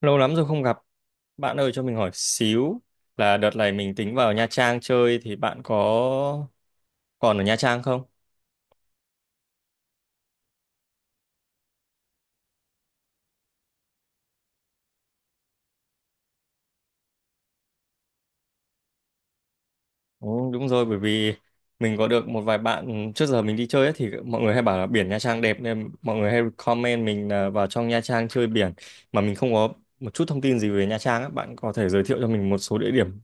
Lâu lắm rồi không gặp. Bạn ơi cho mình hỏi xíu là đợt này mình tính vào Nha Trang chơi thì bạn có còn ở Nha Trang không? Ừ, đúng rồi, bởi vì mình có được một vài bạn trước giờ mình đi chơi ấy, thì mọi người hay bảo là biển Nha Trang đẹp nên mọi người hay comment mình là vào trong Nha Trang chơi biển, mà mình không có một chút thông tin gì về Nha Trang á. Bạn có thể giới thiệu cho mình một số địa điểm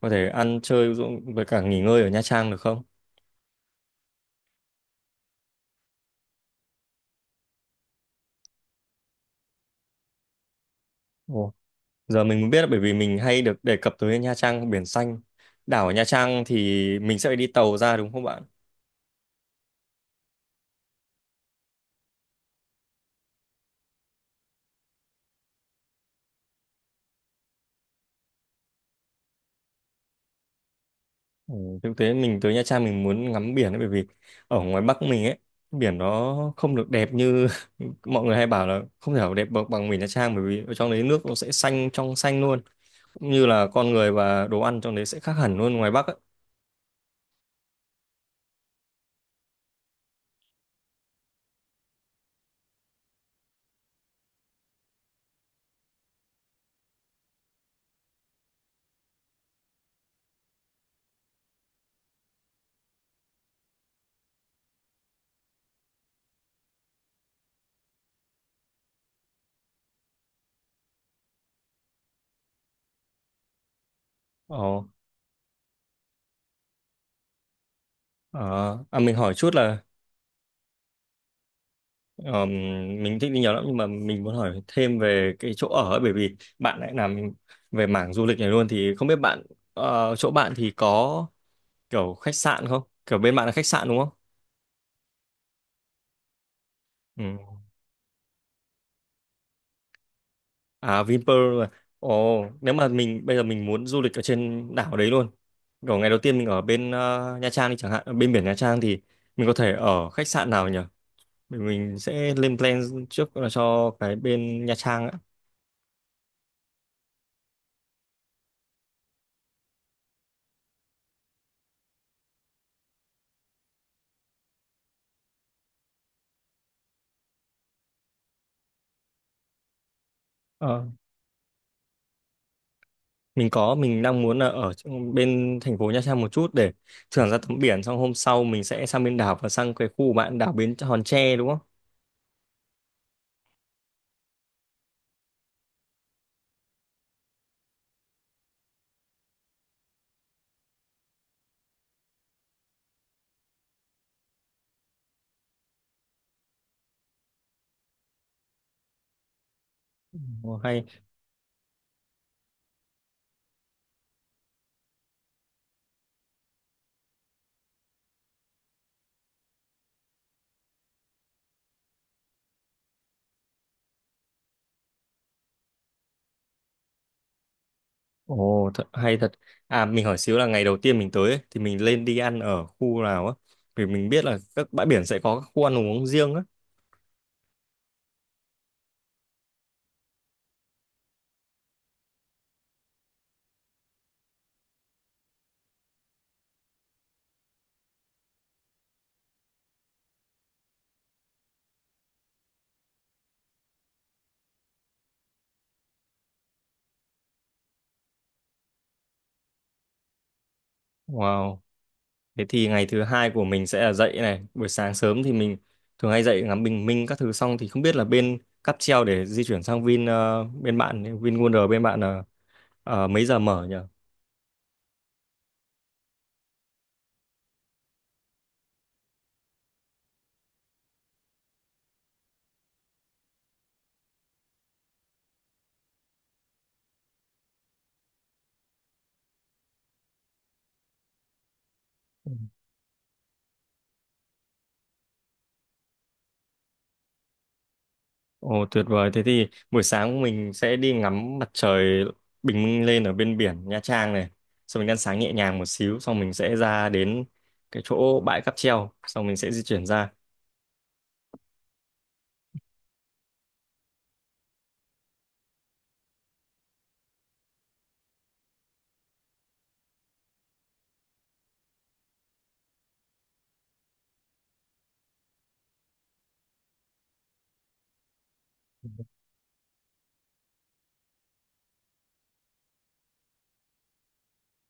có thể ăn chơi, ví dụ với cả nghỉ ngơi ở Nha Trang được không? Ồ. Giờ mình mới biết, là bởi vì mình hay được đề cập tới Nha Trang, biển xanh. Đảo ở Nha Trang thì mình sẽ phải đi tàu ra đúng không bạn? Ừ, thực tế mình tới Nha Trang mình muốn ngắm biển ấy, bởi vì ở ngoài Bắc mình ấy, biển nó không được đẹp như mọi người hay bảo là không thể nào đẹp bằng bằng biển Nha Trang, bởi vì ở trong đấy nước nó sẽ xanh trong xanh luôn. Cũng như là con người và đồ ăn trong đấy sẽ khác hẳn luôn ngoài Bắc ấy. Ồ. Mình hỏi chút là. Ờ, mình thích đi nhiều lắm nhưng mà mình muốn hỏi thêm về cái chỗ ở ấy, bởi vì bạn lại làm về mảng du lịch này luôn thì không biết bạn, chỗ bạn thì có kiểu khách sạn không? Kiểu bên bạn là khách sạn đúng không? Ừ. À, Vinpearl. À. Ồ, nếu mà mình bây giờ mình muốn du lịch ở trên đảo đấy luôn. Kiểu ngày đầu tiên mình ở bên, Nha Trang đi chẳng hạn, ở bên biển Nha Trang thì mình có thể ở khách sạn nào nhỉ? Mình sẽ lên plan trước là cho cái bên Nha Trang á. Mình đang muốn là ở bên thành phố Nha Trang một chút để thưởng ra tấm biển, xong hôm sau mình sẽ sang bên đảo và sang cái khu bạn đảo Bến Hòn Tre đúng không? Ồ, hay. Ồ thật, hay thật. À, mình hỏi xíu là ngày đầu tiên mình tới ấy, thì mình lên đi ăn ở khu nào á, vì mình biết là các bãi biển sẽ có các khu ăn uống riêng á. Wow, thế thì ngày thứ hai của mình sẽ là dậy này, buổi sáng sớm thì mình thường hay dậy ngắm bình minh các thứ, xong thì không biết là bên cáp treo để di chuyển sang bên bạn Vin Wonder, bên bạn ờ, Ờ, mấy giờ mở nhỉ? Ừ. Ồ tuyệt vời, thế thì buổi sáng mình sẽ đi ngắm mặt trời, bình minh lên ở bên biển Nha Trang này. Xong mình ăn sáng nhẹ nhàng một xíu, xong mình sẽ ra đến cái chỗ bãi cáp treo, xong mình sẽ di chuyển ra.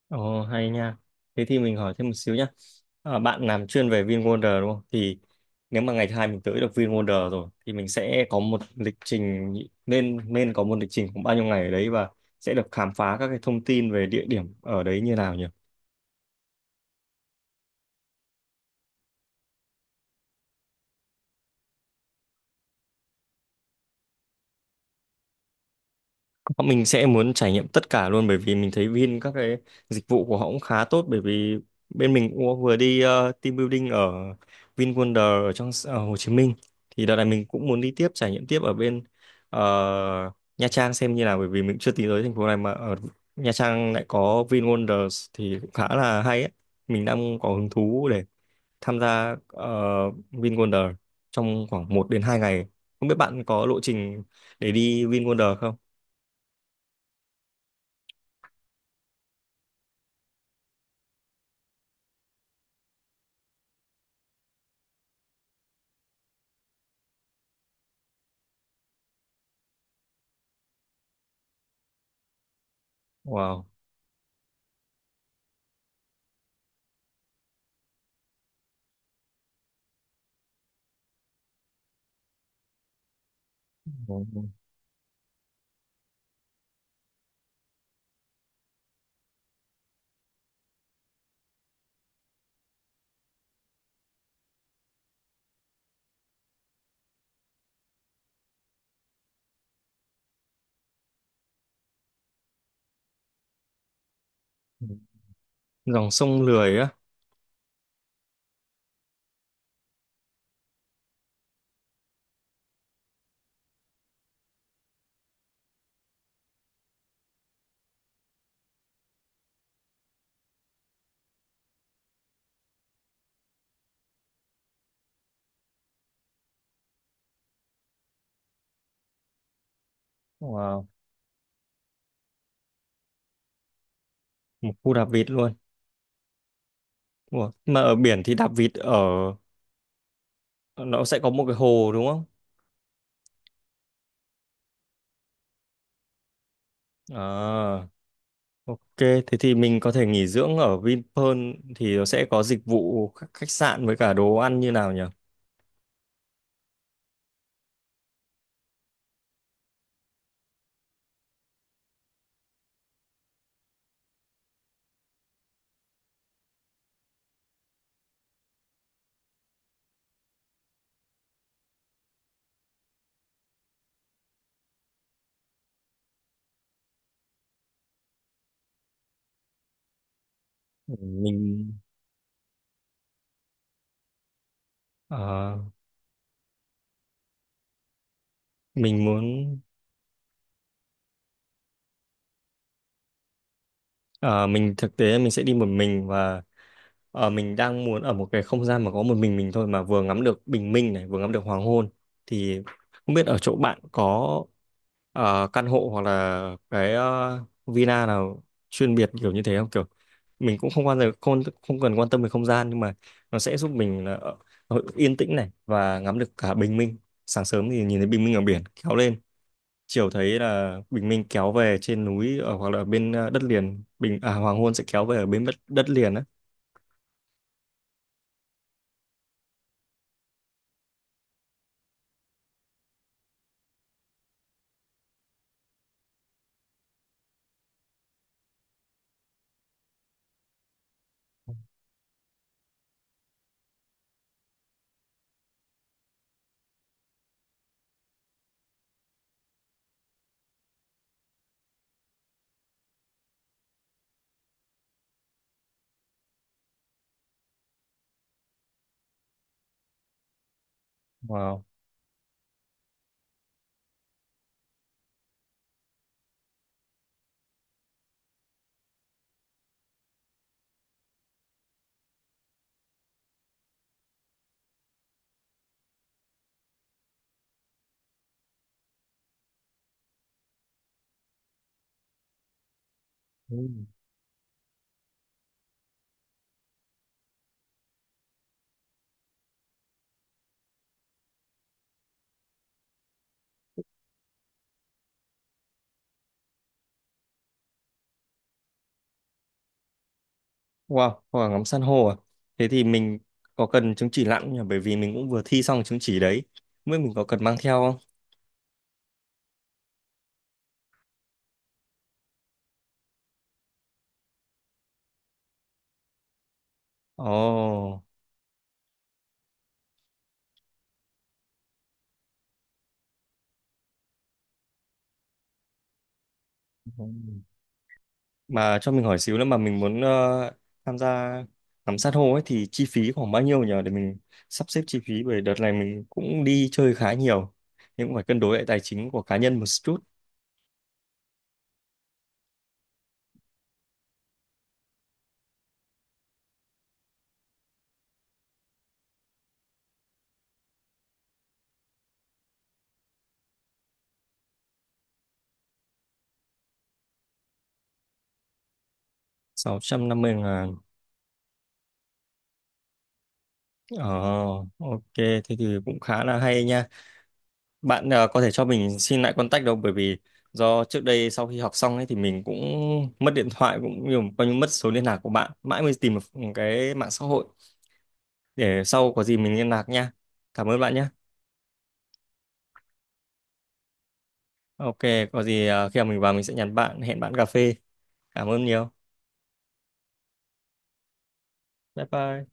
Ồ hay nha. Thế thì mình hỏi thêm một xíu nhá. Bạn làm chuyên về VinWonder đúng không? Thì nếu mà ngày thứ hai mình tới được VinWonder rồi thì mình sẽ có một lịch trình, nên nên có một lịch trình khoảng bao nhiêu ngày ở đấy và sẽ được khám phá các cái thông tin về địa điểm ở đấy như nào nhỉ? Mình sẽ muốn trải nghiệm tất cả luôn, bởi vì mình thấy Vin, các cái dịch vụ của họ cũng khá tốt, bởi vì bên mình cũng vừa đi, team building ở VinWonder, ở Hồ Chí Minh. Thì đợt này mình cũng muốn đi tiếp, trải nghiệm tiếp ở bên, ờ, Nha Trang xem như nào, bởi vì mình chưa tính tới thành phố này mà ở Nha Trang lại có VinWonders thì cũng khá là hay ấy. Mình đang có hứng thú để tham gia, VinWonder trong khoảng 1 đến 2 ngày. Không biết bạn có lộ trình để đi VinWonder không? Wow. Ồ. Dòng sông Lười á. Wow. Một khu đạp vịt luôn. Ủa, mà ở biển thì đạp vịt ở, nó sẽ có một cái hồ đúng không? À, ok, thế thì mình có thể nghỉ dưỡng ở Vinpearl, thì nó sẽ có dịch vụ khách khách sạn với cả đồ ăn như nào nhỉ? Ừ, mình ờ, mình muốn ờ, mình thực tế mình sẽ đi một mình, và, mình đang muốn ở một cái không gian mà có một mình thôi, mà vừa ngắm được bình minh này, vừa ngắm được hoàng hôn, thì không biết ở chỗ bạn có, căn hộ hoặc là cái, villa nào chuyên biệt kiểu như thế không? Kiểu mình cũng không quan tâm, không, không cần quan tâm về không gian, nhưng mà nó sẽ giúp mình là ở yên tĩnh này và ngắm được cả bình minh. Sáng sớm thì nhìn thấy bình minh ở biển kéo lên, chiều thấy là bình minh kéo về trên núi, hoặc là ở bên, đất liền, hoàng hôn sẽ kéo về ở bên đất liền á. Wow. Ừ. Wow, hoa ngắm san hô à? Thế thì mình có cần chứng chỉ lặn không nhỉ? Bởi vì mình cũng vừa thi xong chứng chỉ đấy. Mới mình có cần mang theo không? Ồ. Ừ. Mà cho mình hỏi xíu nữa, mà mình muốn, tham gia ngắm san hô ấy thì chi phí khoảng bao nhiêu nhỉ? Để mình sắp xếp chi phí, bởi đợt này mình cũng đi chơi khá nhiều. Nhưng cũng phải cân đối lại tài chính của cá nhân một chút. 650.000. Ồ, ok, thế thì cũng khá là hay nha. Bạn, có thể cho mình xin lại contact đâu, bởi vì do trước đây sau khi học xong ấy thì mình cũng mất điện thoại cũng nhiều, coi như mất số liên lạc của bạn, mãi mới tìm được cái mạng xã hội để sau có gì mình liên lạc nha. Cảm ơn bạn nhé. Ok, có gì, khi nào mình vào mình sẽ nhắn bạn, hẹn bạn cà phê. Cảm ơn nhiều. Bye bye.